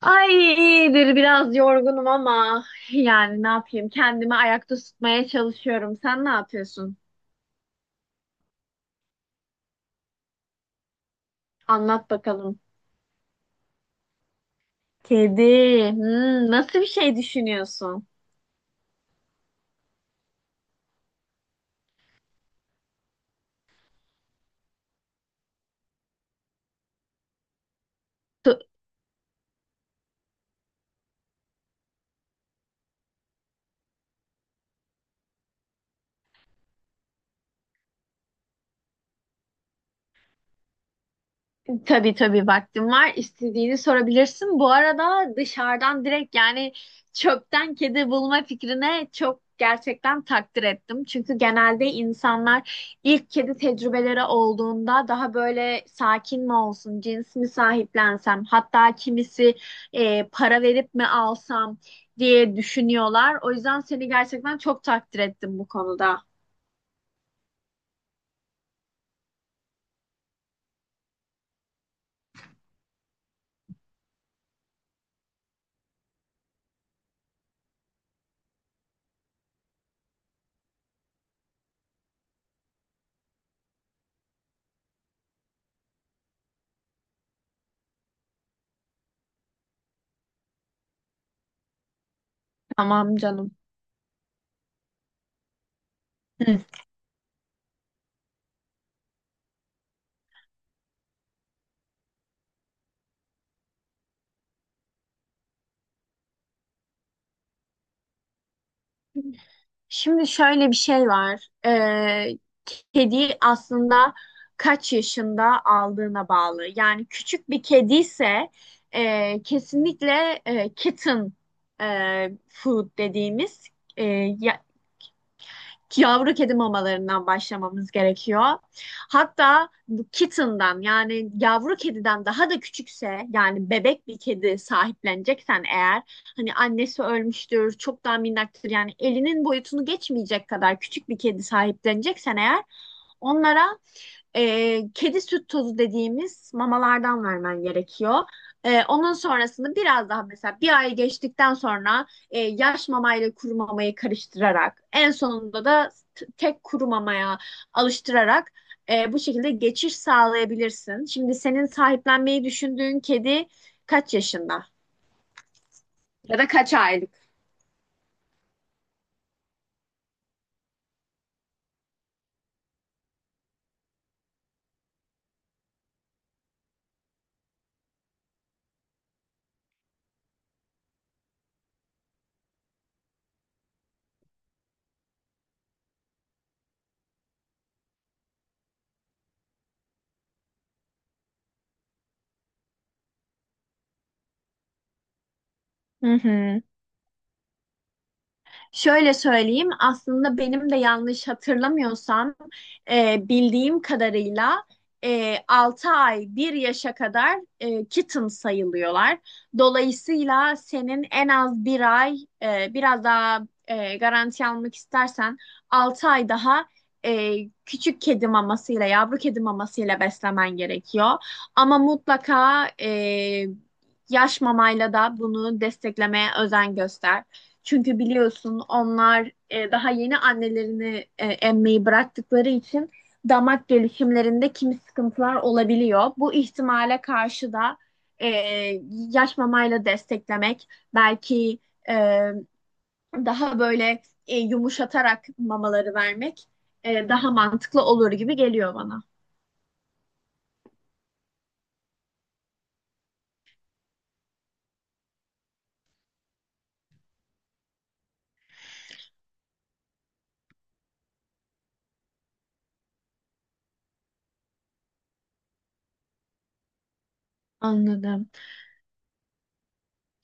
Ay iyidir biraz yorgunum ama yani ne yapayım kendimi ayakta tutmaya çalışıyorum. Sen ne yapıyorsun? Anlat bakalım. Kedi. Nasıl bir şey düşünüyorsun? Tabii tabii vaktim var. İstediğini sorabilirsin. Bu arada dışarıdan direkt yani çöpten kedi bulma fikrine çok gerçekten takdir ettim. Çünkü genelde insanlar ilk kedi tecrübeleri olduğunda daha böyle sakin mi olsun, cins mi sahiplensem, hatta kimisi para verip mi alsam diye düşünüyorlar. O yüzden seni gerçekten çok takdir ettim bu konuda. Tamam canım. Hı. Şimdi şöyle bir şey var. Kedi aslında kaç yaşında aldığına bağlı. Yani küçük bir kedi ise kesinlikle kitten food dediğimiz e, ya- yavru kedi mamalarından başlamamız gerekiyor. Hatta bu kitten'dan yani yavru kediden daha da küçükse yani bebek bir kedi sahipleneceksen eğer hani annesi ölmüştür, çok daha minnaktır yani elinin boyutunu geçmeyecek kadar küçük bir kedi sahipleneceksen eğer, onlara kedi süt tozu dediğimiz mamalardan vermen gerekiyor. Onun sonrasında biraz daha mesela bir ay geçtikten sonra yaş mamayla kuru mamayı karıştırarak en sonunda da tek kuru mamaya alıştırarak bu şekilde geçiş sağlayabilirsin. Şimdi senin sahiplenmeyi düşündüğün kedi kaç yaşında? Ya da kaç aylık? Hı hı. Şöyle söyleyeyim, aslında benim de yanlış hatırlamıyorsam bildiğim kadarıyla 6 ay bir yaşa kadar kitten sayılıyorlar. Dolayısıyla senin en az bir ay biraz daha garanti almak istersen 6 ay daha e, küçük kedi mamasıyla, yavru kedi mamasıyla beslemen gerekiyor. Ama mutlaka yaş mamayla da bunu desteklemeye özen göster. Çünkü biliyorsun onlar daha yeni annelerini emmeyi bıraktıkları için damak gelişimlerinde kimi sıkıntılar olabiliyor. Bu ihtimale karşı da e, yaş mamayla desteklemek belki e, daha böyle yumuşatarak mamaları vermek daha mantıklı olur gibi geliyor bana. Anladım.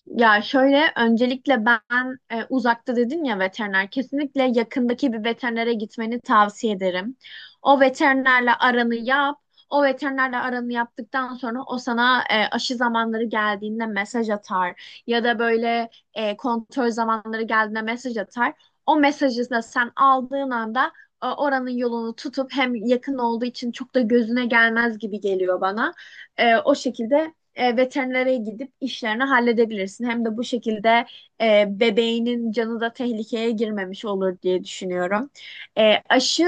Ya şöyle öncelikle ben uzakta dedin ya veteriner kesinlikle yakındaki bir veterinere gitmeni tavsiye ederim. O veterinerle aranı yap. O veterinerle aranı yaptıktan sonra o sana aşı zamanları geldiğinde mesaj atar ya da böyle kontrol zamanları geldiğinde mesaj atar. O mesajı da sen aldığın anda oranın yolunu tutup hem yakın olduğu için çok da gözüne gelmez gibi geliyor bana. O şekilde veterinere gidip işlerini halledebilirsin. Hem de bu şekilde bebeğinin canı da tehlikeye girmemiş olur diye düşünüyorum. E, aşı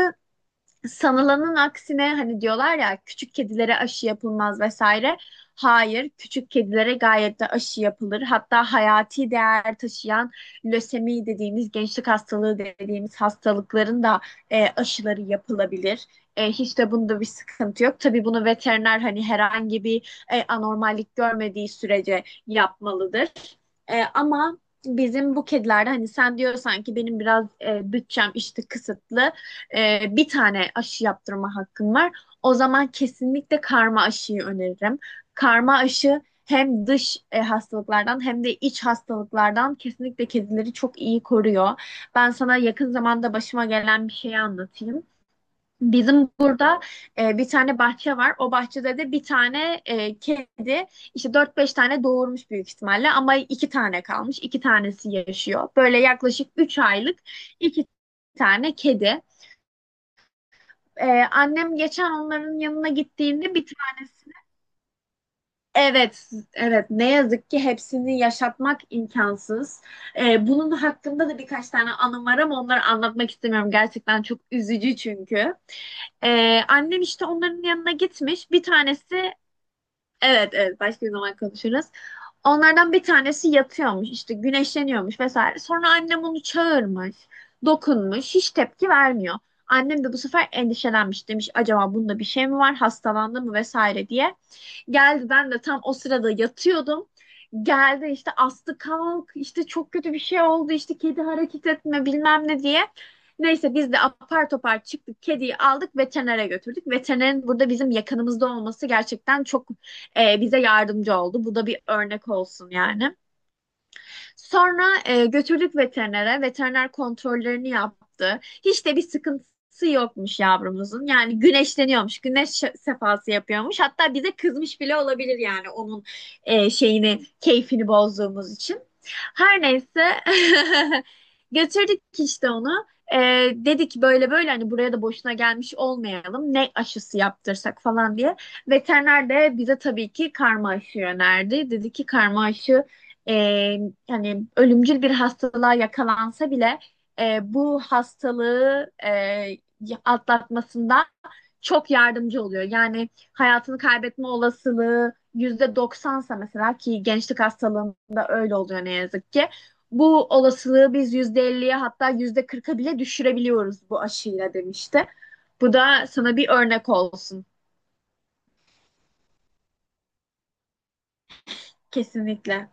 Sanılanın aksine hani diyorlar ya küçük kedilere aşı yapılmaz vesaire. Hayır, küçük kedilere gayet de aşı yapılır. Hatta hayati değer taşıyan lösemi dediğimiz gençlik hastalığı dediğimiz hastalıkların da aşıları yapılabilir. Hiç de bunda bir sıkıntı yok. Tabii bunu veteriner hani herhangi bir anormallik görmediği sürece yapmalıdır. Ama bizim bu kedilerde hani sen diyorsan ki benim biraz bütçem işte kısıtlı, bir tane aşı yaptırma hakkın var. O zaman kesinlikle karma aşıyı öneririm. Karma aşı hem dış hastalıklardan hem de iç hastalıklardan kesinlikle kedileri çok iyi koruyor. Ben sana yakın zamanda başıma gelen bir şeyi anlatayım. Bizim burada bir tane bahçe var. O bahçede de bir tane kedi işte dört beş tane doğurmuş büyük ihtimalle ama iki tane kalmış. İki tanesi yaşıyor. Böyle yaklaşık 3 aylık iki tane kedi. Annem geçen onların yanına gittiğinde bir tanesini evet, evet, ne yazık ki hepsini yaşatmak imkansız. Bunun hakkında da birkaç tane anım var ama onları anlatmak istemiyorum. Gerçekten çok üzücü çünkü. Annem işte onların yanına gitmiş. Bir tanesi Evet, evet, başka bir zaman konuşuruz. Onlardan bir tanesi yatıyormuş işte güneşleniyormuş vesaire. Sonra annem onu çağırmış, dokunmuş, hiç tepki vermiyor. Annem de bu sefer endişelenmiş, demiş acaba bunda bir şey mi var, hastalandı mı vesaire diye. Geldi, ben de tam o sırada yatıyordum. Geldi işte, astı kalk işte çok kötü bir şey oldu işte kedi hareket etme bilmem ne diye. Neyse biz de apar topar çıktık, kediyi aldık, veterinere götürdük. Veterinerin burada bizim yakınımızda olması gerçekten çok bize yardımcı oldu. Bu da bir örnek olsun yani. Sonra götürdük veterinere. Veteriner kontrollerini yaptı. Hiç de bir sıkıntısı yokmuş yavrumuzun. Yani güneşleniyormuş. Güneş sefası yapıyormuş. Hatta bize kızmış bile olabilir yani onun şeyini, keyfini bozduğumuz için. Her neyse, götürdük işte onu. E, dedi ki böyle böyle, hani buraya da boşuna gelmiş olmayalım, ne aşısı yaptırsak falan diye. Veteriner de bize tabii ki karma aşı önerdi. Dedi ki karma aşı e, yani ölümcül bir hastalığa yakalansa bile bu hastalığı atlatmasında çok yardımcı oluyor. Yani hayatını kaybetme olasılığı %90'sa mesela ki gençlik hastalığında öyle oluyor ne yazık ki. Bu olasılığı biz %50'ye, hatta %40'a bile düşürebiliyoruz bu aşıyla demişti. Bu da sana bir örnek olsun, kesinlikle.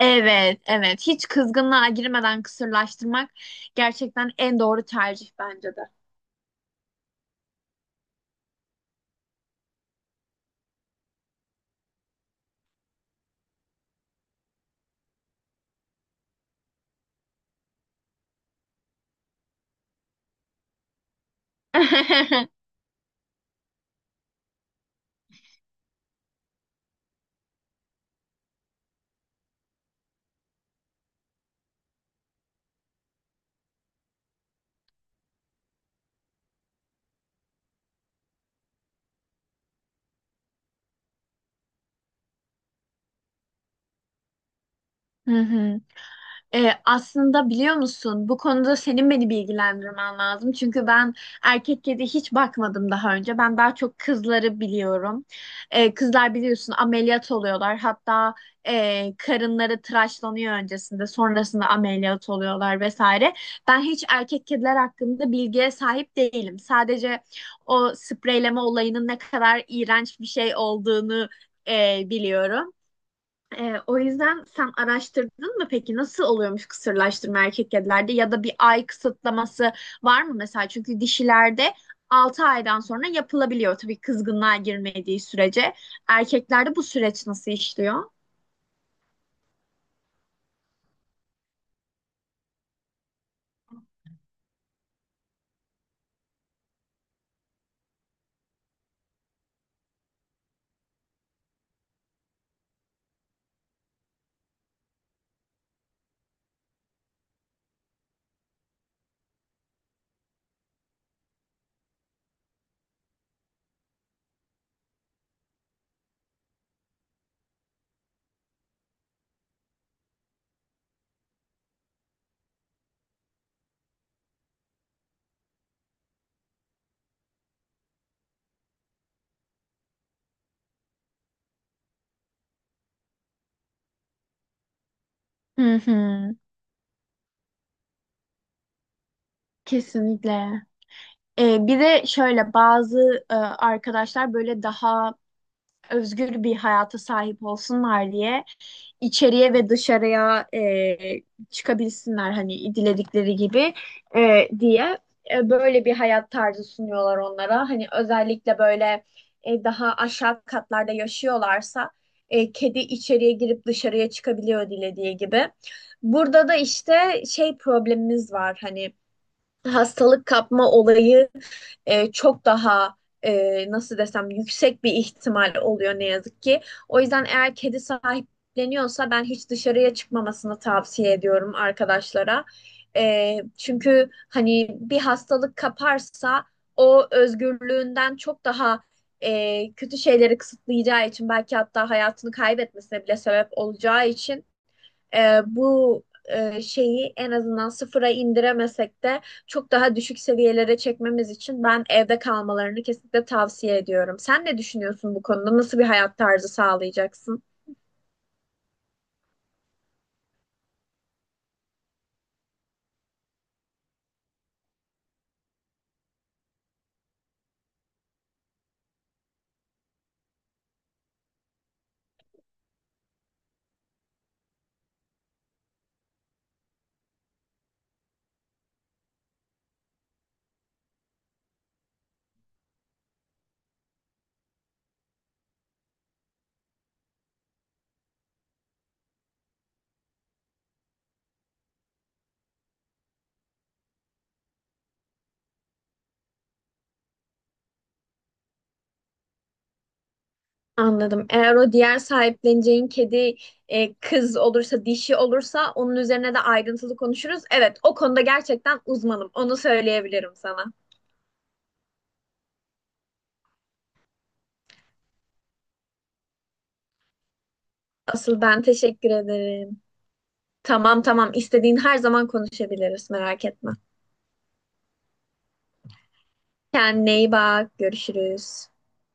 Evet, evet. Hiç kızgınlığa girmeden kısırlaştırmak gerçekten en doğru tercih bence de. Hı hı. Aslında biliyor musun, bu konuda senin beni bilgilendirmen lazım. Çünkü ben erkek kedi hiç bakmadım daha önce. Ben daha çok kızları biliyorum. Kızlar biliyorsun ameliyat oluyorlar. Hatta karınları tıraşlanıyor öncesinde, sonrasında ameliyat oluyorlar vesaire. Ben hiç erkek kediler hakkında bilgiye sahip değilim. Sadece o spreyleme olayının ne kadar iğrenç bir şey olduğunu biliyorum. O yüzden sen araştırdın mı peki, nasıl oluyormuş kısırlaştırma erkek kedilerde, ya da bir ay kısıtlaması var mı mesela? Çünkü dişilerde 6 aydan sonra yapılabiliyor tabii kızgınlığa girmediği sürece. Erkeklerde bu süreç nasıl işliyor? Hı hı. Kesinlikle. Bir de şöyle, bazı arkadaşlar böyle daha özgür bir hayata sahip olsunlar diye, içeriye ve dışarıya çıkabilsinler hani diledikleri gibi diye böyle bir hayat tarzı sunuyorlar onlara. Hani özellikle böyle daha aşağı katlarda yaşıyorlarsa kedi içeriye girip dışarıya çıkabiliyor dilediği gibi. Burada da işte şey problemimiz var, hani hastalık kapma olayı çok daha, nasıl desem, yüksek bir ihtimal oluyor ne yazık ki. O yüzden eğer kedi sahipleniyorsa ben hiç dışarıya çıkmamasını tavsiye ediyorum arkadaşlara. Çünkü hani bir hastalık kaparsa o özgürlüğünden çok daha kötü şeyleri kısıtlayacağı için, belki hatta hayatını kaybetmesine bile sebep olacağı için bu şeyi en azından sıfıra indiremesek de çok daha düşük seviyelere çekmemiz için ben evde kalmalarını kesinlikle tavsiye ediyorum. Sen ne düşünüyorsun bu konuda? Nasıl bir hayat tarzı sağlayacaksın? Anladım. Eğer o diğer sahipleneceğin kedi kız olursa, dişi olursa onun üzerine de ayrıntılı konuşuruz. Evet, o konuda gerçekten uzmanım. Onu söyleyebilirim sana. Asıl ben teşekkür ederim. Tamam tamam. İstediğin her zaman konuşabiliriz. Merak etme. Kendine iyi bak. Görüşürüz.